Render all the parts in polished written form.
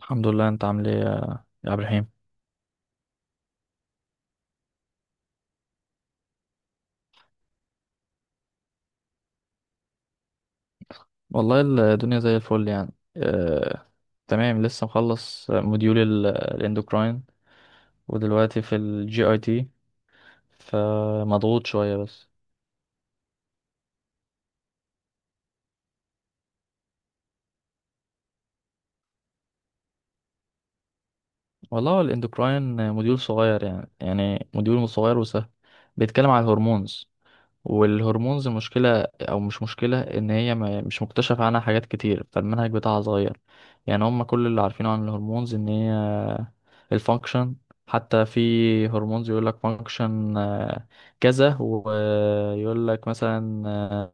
الحمد لله. انت عامل ايه يا عبد الرحيم؟ والله، الدنيا زي الفل يعني. آه... تمام، لسه مخلص موديول الاندوكراين، ودلوقتي في الجي اي تي، فمضغوط شوية بس. والله، هو الاندوكراين موديول صغير يعني موديول صغير وسهل. بيتكلم على الهرمونز. والهرمونز مشكلة أو مش مشكلة إن هي مش مكتشف عنها حاجات كتير، فالمنهج بتاعها صغير. يعني هم كل اللي عارفينه عن الهرمونز إن هي الفانكشن، حتى في هرمونز يقول لك فانكشن كذا، ويقول لك مثلا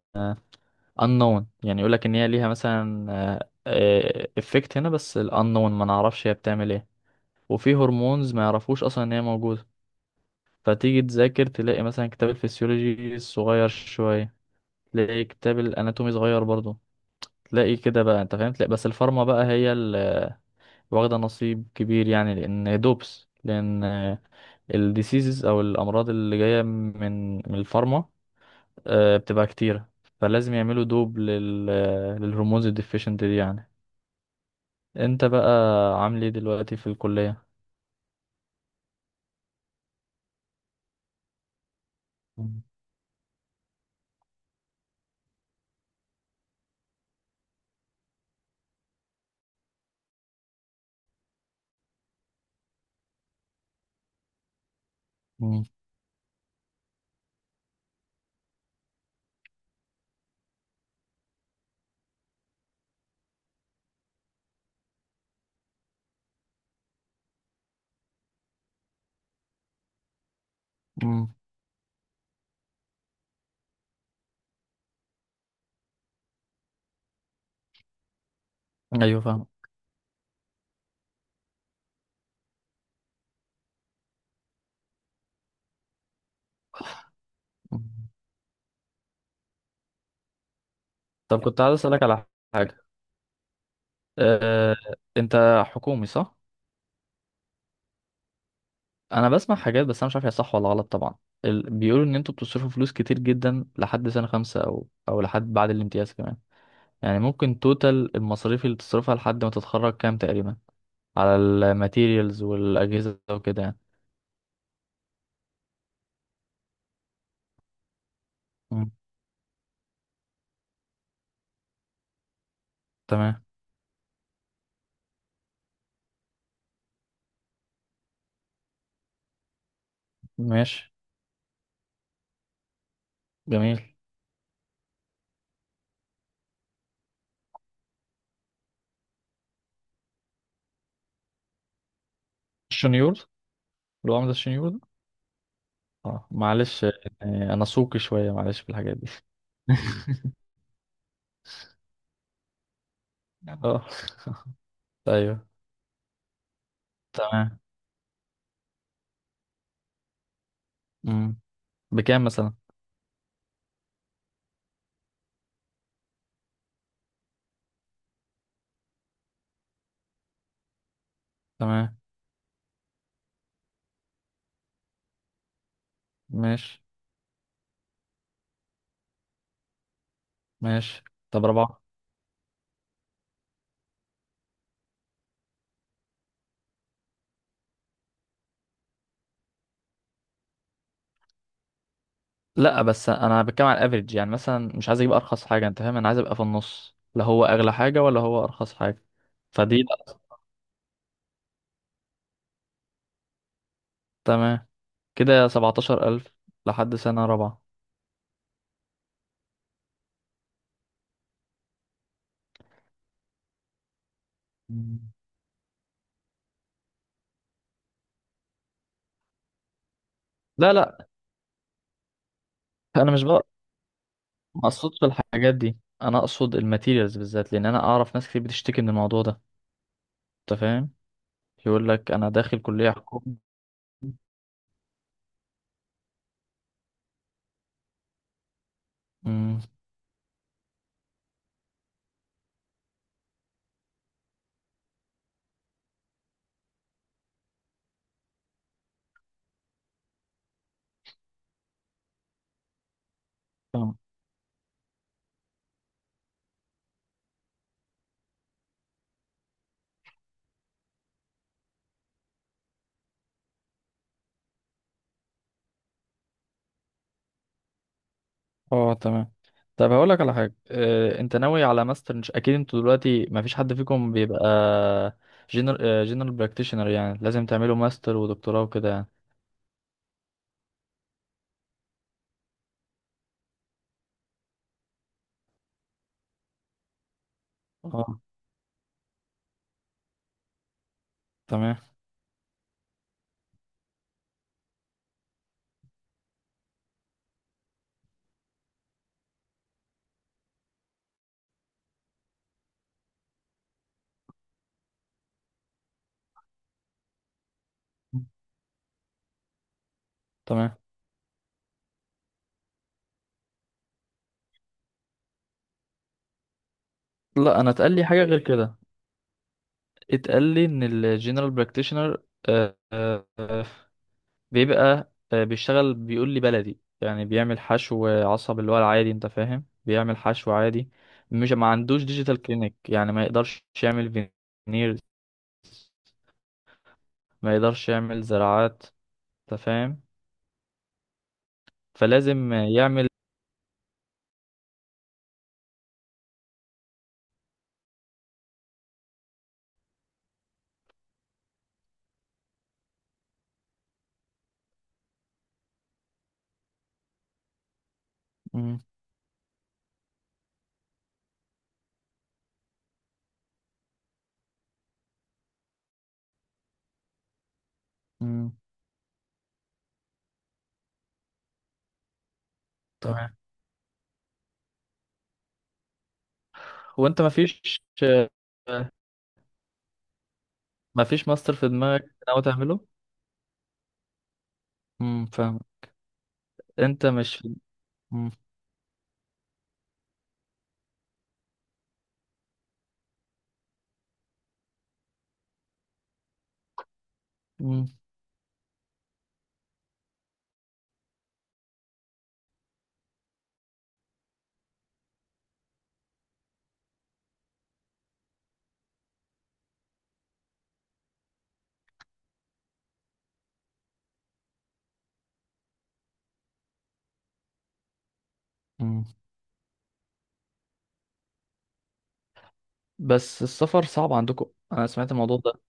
unknown، يعني يقول لك إن هي ليها مثلا افكت هنا، بس ال unknown ما نعرفش هي بتعمل ايه. وفي هرمونز ما يعرفوش أصلا إن هي موجودة. فتيجي تذاكر تلاقي مثلا كتاب الفسيولوجي صغير شوية، تلاقي كتاب الاناتومي صغير برضه، تلاقي كده بقى انت فاهم. تلاقي بس الفارما بقى هي اللي واخده نصيب كبير يعني، لان دوبس، لان الديسيزز او الامراض اللي جايه من الفارما بتبقى كتيره. فلازم يعملوا دوب للهرمونز الديفيشنت دي يعني. انت بقى عامل ايه دلوقتي في الكليه؟ مم. مم. مم. ايوه فاهم. مم. طب كنت عايز اسالك على حاجه. آه، انت حكومي صح؟ انا بسمع حاجات بس انا مش عارف هي صح ولا غلط طبعا. بيقولوا ان انتوا بتصرفوا فلوس كتير جدا لحد سنة 5 او لحد بعد الامتياز كمان. يعني ممكن توتال المصاريف اللي تصرفها لحد ما تتخرج كام تقريبا، على الماتيريالز والاجهزة وكده يعني؟ مم. تمام. ماشي. جميل. الشنيور. اللي هو عامل زي الشنيور ده. اه، معلش يعني انا سوقي شوية، معلش في الحاجات دي. اه. ايوه. تمام. مم. بكام مثلا؟ تمام. ماشي. ماشي. طب ربعة؟ لا، بس انا بتكلم على الافريج يعني، مثلا مش عايز اجيب ارخص حاجه انت فاهم، انا عايز ابقى في النص، لا هو اغلى حاجه ولا هو ارخص حاجه، فدي لا. تمام، كده 17,000 لحد سنه رابعه. مم. لا، لا، انا مش بقى. ما اقصدش الحاجات دي، انا اقصد الماتيريالز بالذات لان انا اعرف ناس كتير بتشتكي من الموضوع ده انت فاهم. يقول لك انا داخل كليه حكومه. امم. اه. تمام. طب هقول لك على حاجه. اه، انت ناوي على ماستر مش اكيد، انتوا دلوقتي ما فيش حد فيكم بيبقى جنرال براكتيشنر، يعني لازم تعملوا ماستر ودكتوراه وكده يعني؟ اه. تمام. تمام. لا، انا اتقال لي حاجه غير كده. اتقال لي ان الجنرال براكتيشنر بيبقى بيشتغل، بيقول لي بلدي، يعني بيعمل حشو عصب اللي هو العادي انت فاهم، بيعمل حشو عادي. مش، ما عندوش ديجيتال كلينيك، يعني ما يقدرش يعمل فينير، ما يقدرش يعمل زراعات انت فاهم، فلازم يعمل. مم. مم. تمام. وانت ما فيش ماستر في دماغك ناوي تعمله؟ امم، فاهم. انت مش في... مم. مم. مم. بس السفر صعب عندكم، انا سمعت الموضوع ده.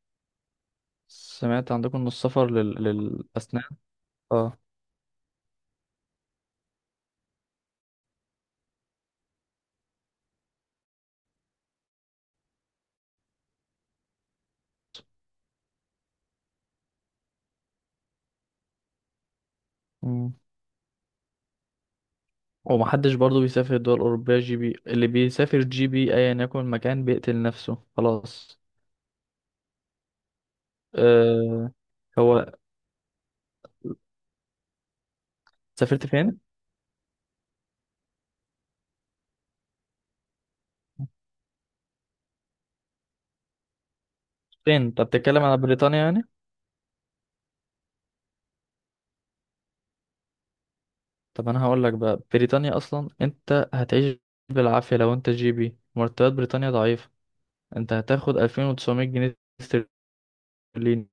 سمعت عندكم ان السفر للاسنان. اه. مم. ومحدش برضو بيسافر الدول الأوروبية جي بي، اللي بيسافر جي بي أيا يكن المكان بيقتل نفسه خلاص. أه... هو سافرت فين؟ فين انت بتتكلم، على بريطانيا يعني؟ طب انا هقول لك بقى، بريطانيا اصلا انت هتعيش بالعافيه لو انت جي بي. مرتبات بريطانيا ضعيفه. انت هتاخد 2900 جنيه استرليني،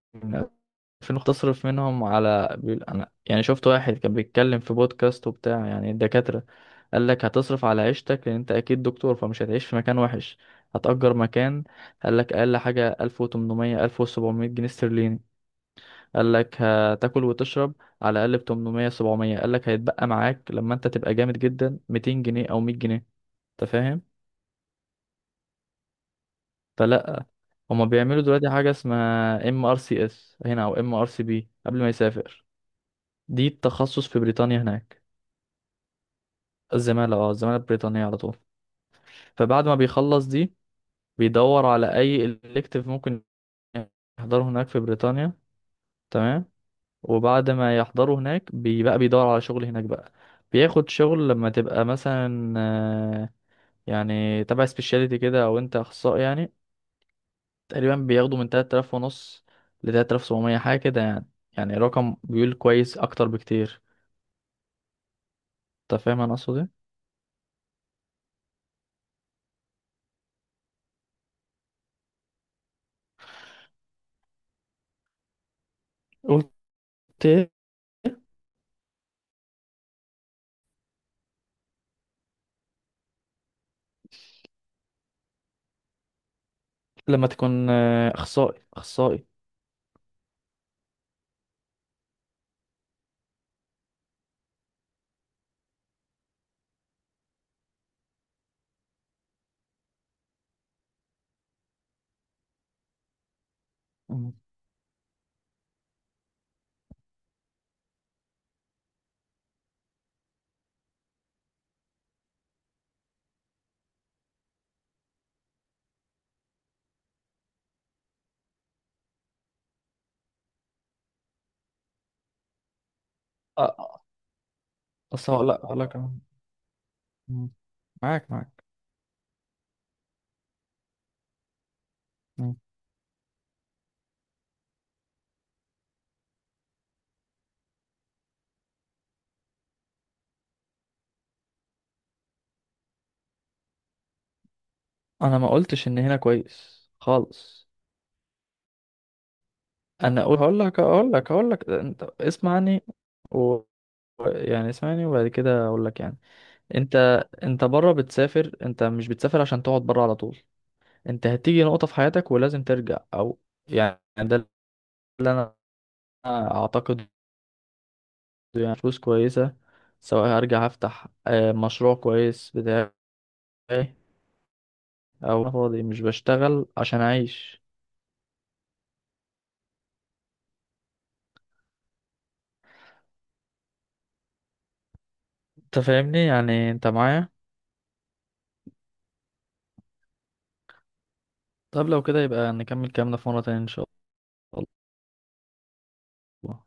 2000 تصرف منهم على انا يعني شفت واحد كان بيتكلم في بودكاست وبتاع يعني الدكاتره. قال لك هتصرف على عيشتك لان انت اكيد دكتور، فمش هتعيش في مكان وحش، هتأجر مكان. قال لك اقل حاجه 1800 1700 جنيه استرليني. قال لك هتاكل وتشرب على الاقل ب 800 700. قال لك هيتبقى معاك لما انت تبقى جامد جدا 200 جنيه او 100 جنيه انت فاهم. فلا. هما بيعملوا دلوقتي حاجه اسمها ام ار سي اس هنا، او ام ار سي بي قبل ما يسافر. دي التخصص في بريطانيا هناك. الزماله، اه الزماله البريطانيه على طول. فبعد ما بيخلص دي، بيدور على اي الكتيف ممكن يحضره هناك في بريطانيا. تمام. وبعد ما يحضروا هناك بيبقى بيدور على شغل هناك بقى. بياخد شغل لما تبقى مثلا يعني تبع سبيشاليتي كده، او انت اخصائي يعني. تقريبا بياخدوا من 3000 ونص ل 3700 حاجه كده يعني. يعني رقم بيقول كويس اكتر بكتير، انت فاهم انا اقصد ايه. قلت. إيه؟ لما تكون اخصائي. مم. أ- اصل لا، لا، كمان. مم. معاك، معاك. مم. انا ما قلتش ان هنا كويس خالص، انا اقول. هقول لك انت اسمعني، و، يعني اسمعني وبعد كده اقول لك يعني. انت انت بره بتسافر، انت مش بتسافر عشان تقعد بره على طول. انت هتيجي نقطة في حياتك ولازم ترجع او يعني، ده اللي انا اعتقد يعني، فلوس كويسة. سواء هرجع هفتح مشروع كويس بتاعي، او أنا فاضي مش بشتغل عشان اعيش. انت فاهمني، يعني انت معايا؟ طب لو كده يبقى نكمل كلامنا في مرة تانية ان شاء الله.